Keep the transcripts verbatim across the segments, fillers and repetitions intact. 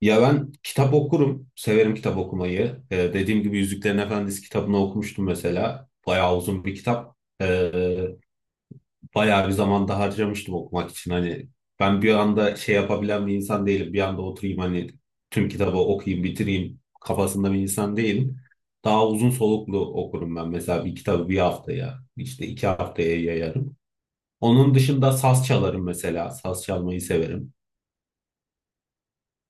Ya ben kitap okurum. Severim kitap okumayı. Ee, dediğim gibi Yüzüklerin Efendisi kitabını okumuştum mesela. Bayağı uzun bir kitap. Ee, bayağı bir zaman da harcamıştım okumak için. Hani ben bir anda şey yapabilen bir insan değilim. Bir anda oturayım hani tüm kitabı okuyayım, bitireyim kafasında bir insan değilim. Daha uzun soluklu okurum ben. Mesela bir kitabı bir haftaya, işte iki haftaya yayarım. Onun dışında saz çalarım mesela. Saz çalmayı severim.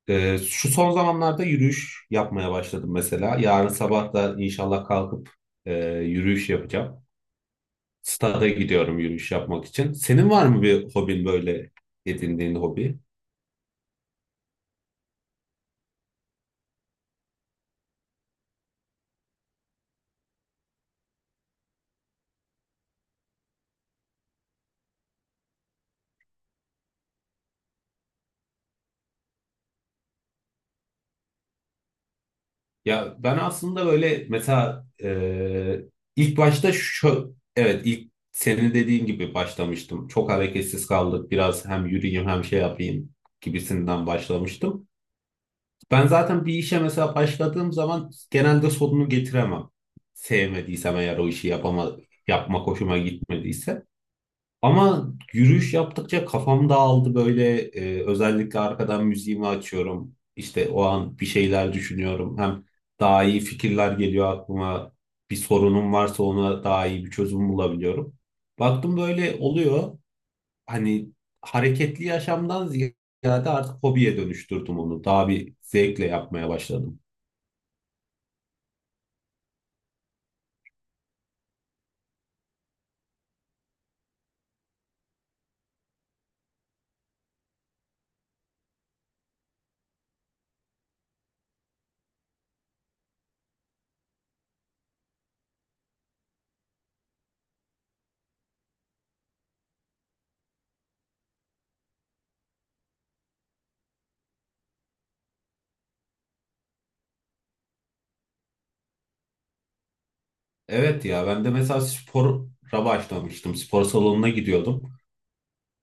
Ee, şu son zamanlarda yürüyüş yapmaya başladım mesela. Yarın sabah da inşallah kalkıp e, yürüyüş yapacağım. Stada gidiyorum yürüyüş yapmak için. Senin var mı bir hobin, böyle edindiğin hobi? Ya ben aslında böyle mesela e, ilk başta şu evet ilk senin dediğin gibi başlamıştım. Çok hareketsiz kaldık. Biraz hem yürüyeyim hem şey yapayım gibisinden başlamıştım. Ben zaten bir işe mesela başladığım zaman genelde sonunu getiremem. Sevmediysem eğer o işi yapama, yapmak hoşuma gitmediyse. Ama yürüyüş yaptıkça kafam dağıldı böyle, e, özellikle arkadan müziğimi açıyorum. İşte o an bir şeyler düşünüyorum. Hem daha iyi fikirler geliyor aklıma. Bir sorunum varsa ona daha iyi bir çözüm bulabiliyorum. Baktım böyle oluyor, hani hareketli yaşamdan ziyade artık hobiye dönüştürdüm onu. Daha bir zevkle yapmaya başladım. Evet, ya ben de mesela spora başlamıştım. Spor salonuna gidiyordum.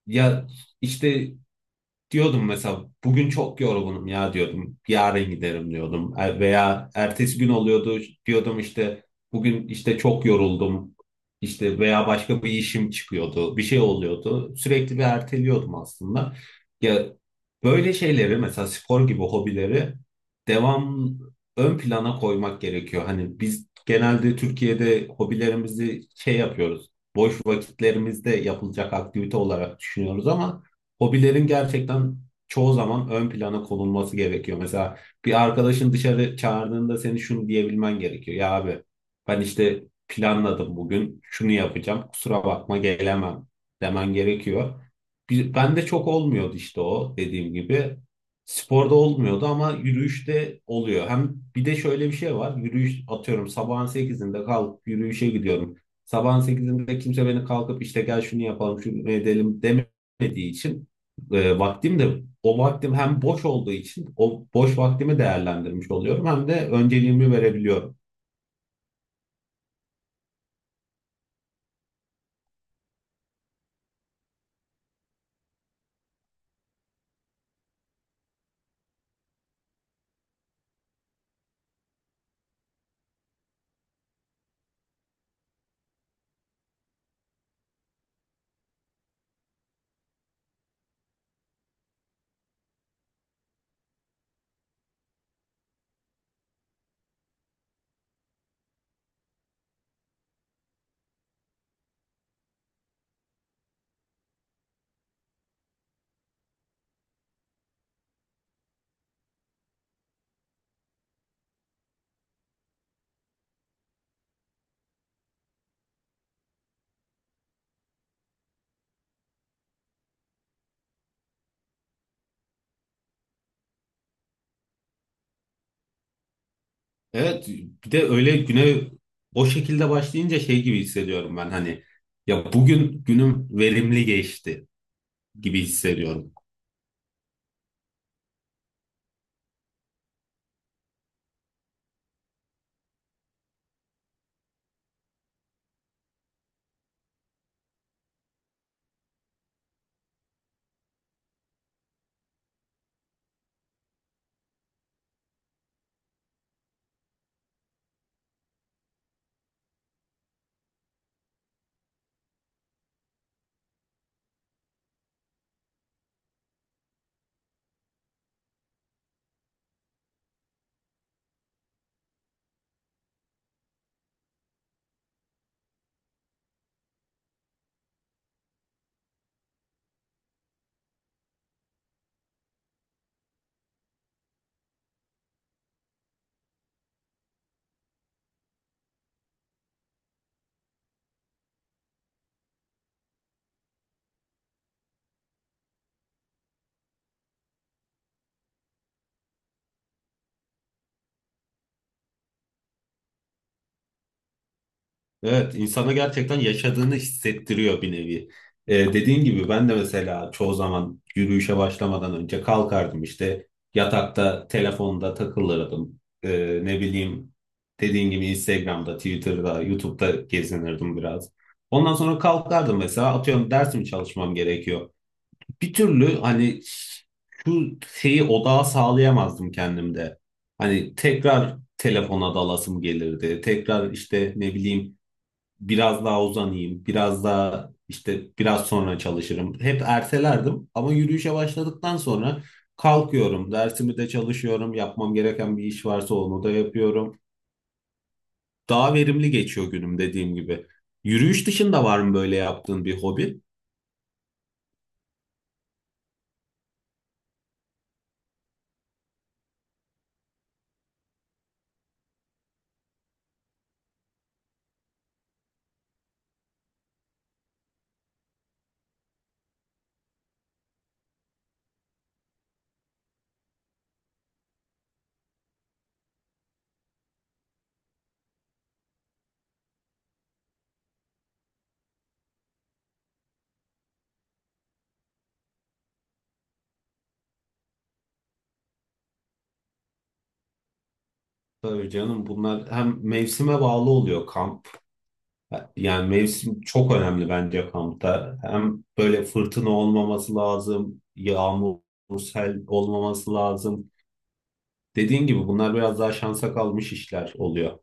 Ya, işte diyordum mesela bugün çok yorgunum ya diyordum. Yarın giderim diyordum. E, Veya ertesi gün oluyordu, diyordum işte bugün işte çok yoruldum. İşte veya başka bir işim çıkıyordu. Bir şey oluyordu. Sürekli bir erteliyordum aslında. Ya böyle şeyleri mesela spor gibi hobileri devam ön plana koymak gerekiyor. Hani biz genelde Türkiye'de hobilerimizi şey yapıyoruz. Boş vakitlerimizde yapılacak aktivite olarak düşünüyoruz, ama hobilerin gerçekten çoğu zaman ön plana konulması gerekiyor. Mesela bir arkadaşın dışarı çağırdığında seni şunu diyebilmen gerekiyor. Ya abi, ben işte planladım bugün şunu yapacağım, kusura bakma gelemem demen gerekiyor. Bir- Bende çok olmuyordu işte o dediğim gibi. Sporda olmuyordu ama yürüyüşte oluyor. Hem bir de şöyle bir şey var. Yürüyüş, atıyorum sabahın sekizinde kalkıp yürüyüşe gidiyorum. Sabahın sekizinde kimse beni kalkıp işte gel şunu yapalım şunu edelim demiyor, etmediği için e, vaktim de o vaktim hem boş olduğu için o boş vaktimi değerlendirmiş oluyorum, hem de önceliğimi verebiliyorum. Evet, bir de öyle güne o şekilde başlayınca şey gibi hissediyorum ben, hani ya bugün günüm verimli geçti gibi hissediyorum. Evet, insana gerçekten yaşadığını hissettiriyor bir nevi. Ee, dediğin gibi ben de mesela çoğu zaman yürüyüşe başlamadan önce kalkardım, işte yatakta telefonda takılırdım. Ee, ne bileyim, dediğin gibi Instagram'da, Twitter'da, YouTube'da gezinirdim biraz. Ondan sonra kalkardım, mesela atıyorum dersimi çalışmam gerekiyor. Bir türlü hani şu şeyi odağa sağlayamazdım kendimde. Hani tekrar telefona dalasım gelirdi. Tekrar işte ne bileyim biraz daha uzanayım, biraz daha işte biraz sonra çalışırım. Hep ertelerdim, ama yürüyüşe başladıktan sonra kalkıyorum, dersimi de çalışıyorum, yapmam gereken bir iş varsa onu da yapıyorum. Daha verimli geçiyor günüm, dediğim gibi. Yürüyüş dışında var mı böyle yaptığın bir hobi? Tabii canım, bunlar hem mevsime bağlı oluyor, kamp. Yani mevsim çok önemli bence kampta. Hem böyle fırtına olmaması lazım, yağmur, sel olmaması lazım. Dediğin gibi bunlar biraz daha şansa kalmış işler oluyor.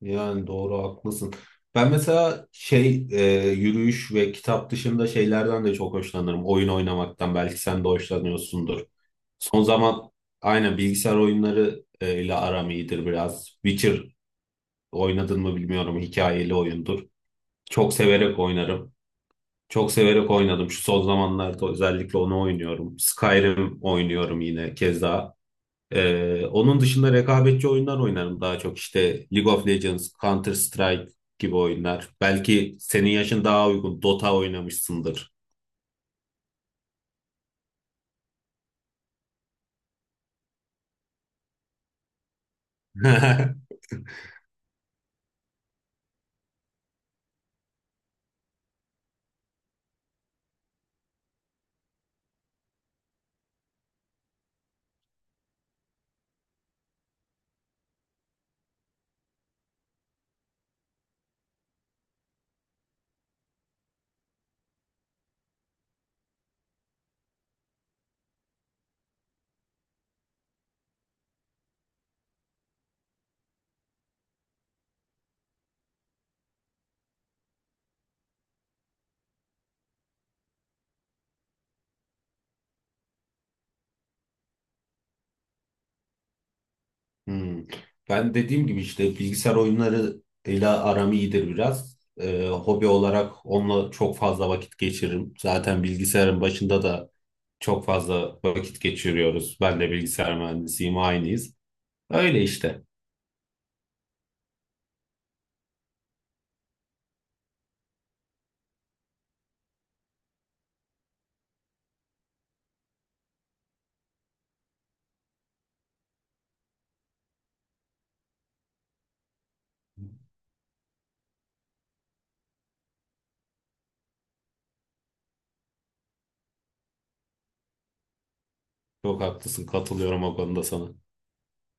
Yani doğru, haklısın. Ben mesela şey, e, yürüyüş ve kitap dışında şeylerden de çok hoşlanırım. Oyun oynamaktan belki sen de hoşlanıyorsundur. Son zaman aynen, bilgisayar oyunları e, ile aram iyidir biraz. Witcher oynadın mı bilmiyorum, hikayeli oyundur. Çok severek oynarım. Çok severek oynadım. Şu son zamanlarda özellikle onu oynuyorum. Skyrim oynuyorum yine keza. Ee, onun dışında rekabetçi oyunlar oynarım daha çok. İşte League of Legends, Counter Strike gibi oyunlar. Belki senin yaşın daha uygun. Dota oynamışsındır. Hmm. Ben dediğim gibi işte bilgisayar oyunlarıyla aram iyidir biraz. Ee, hobi olarak onunla çok fazla vakit geçiririm. Zaten bilgisayarın başında da çok fazla vakit geçiriyoruz. Ben de bilgisayar mühendisiyim, aynıyız. Öyle işte. Çok haklısın, katılıyorum o konuda sana.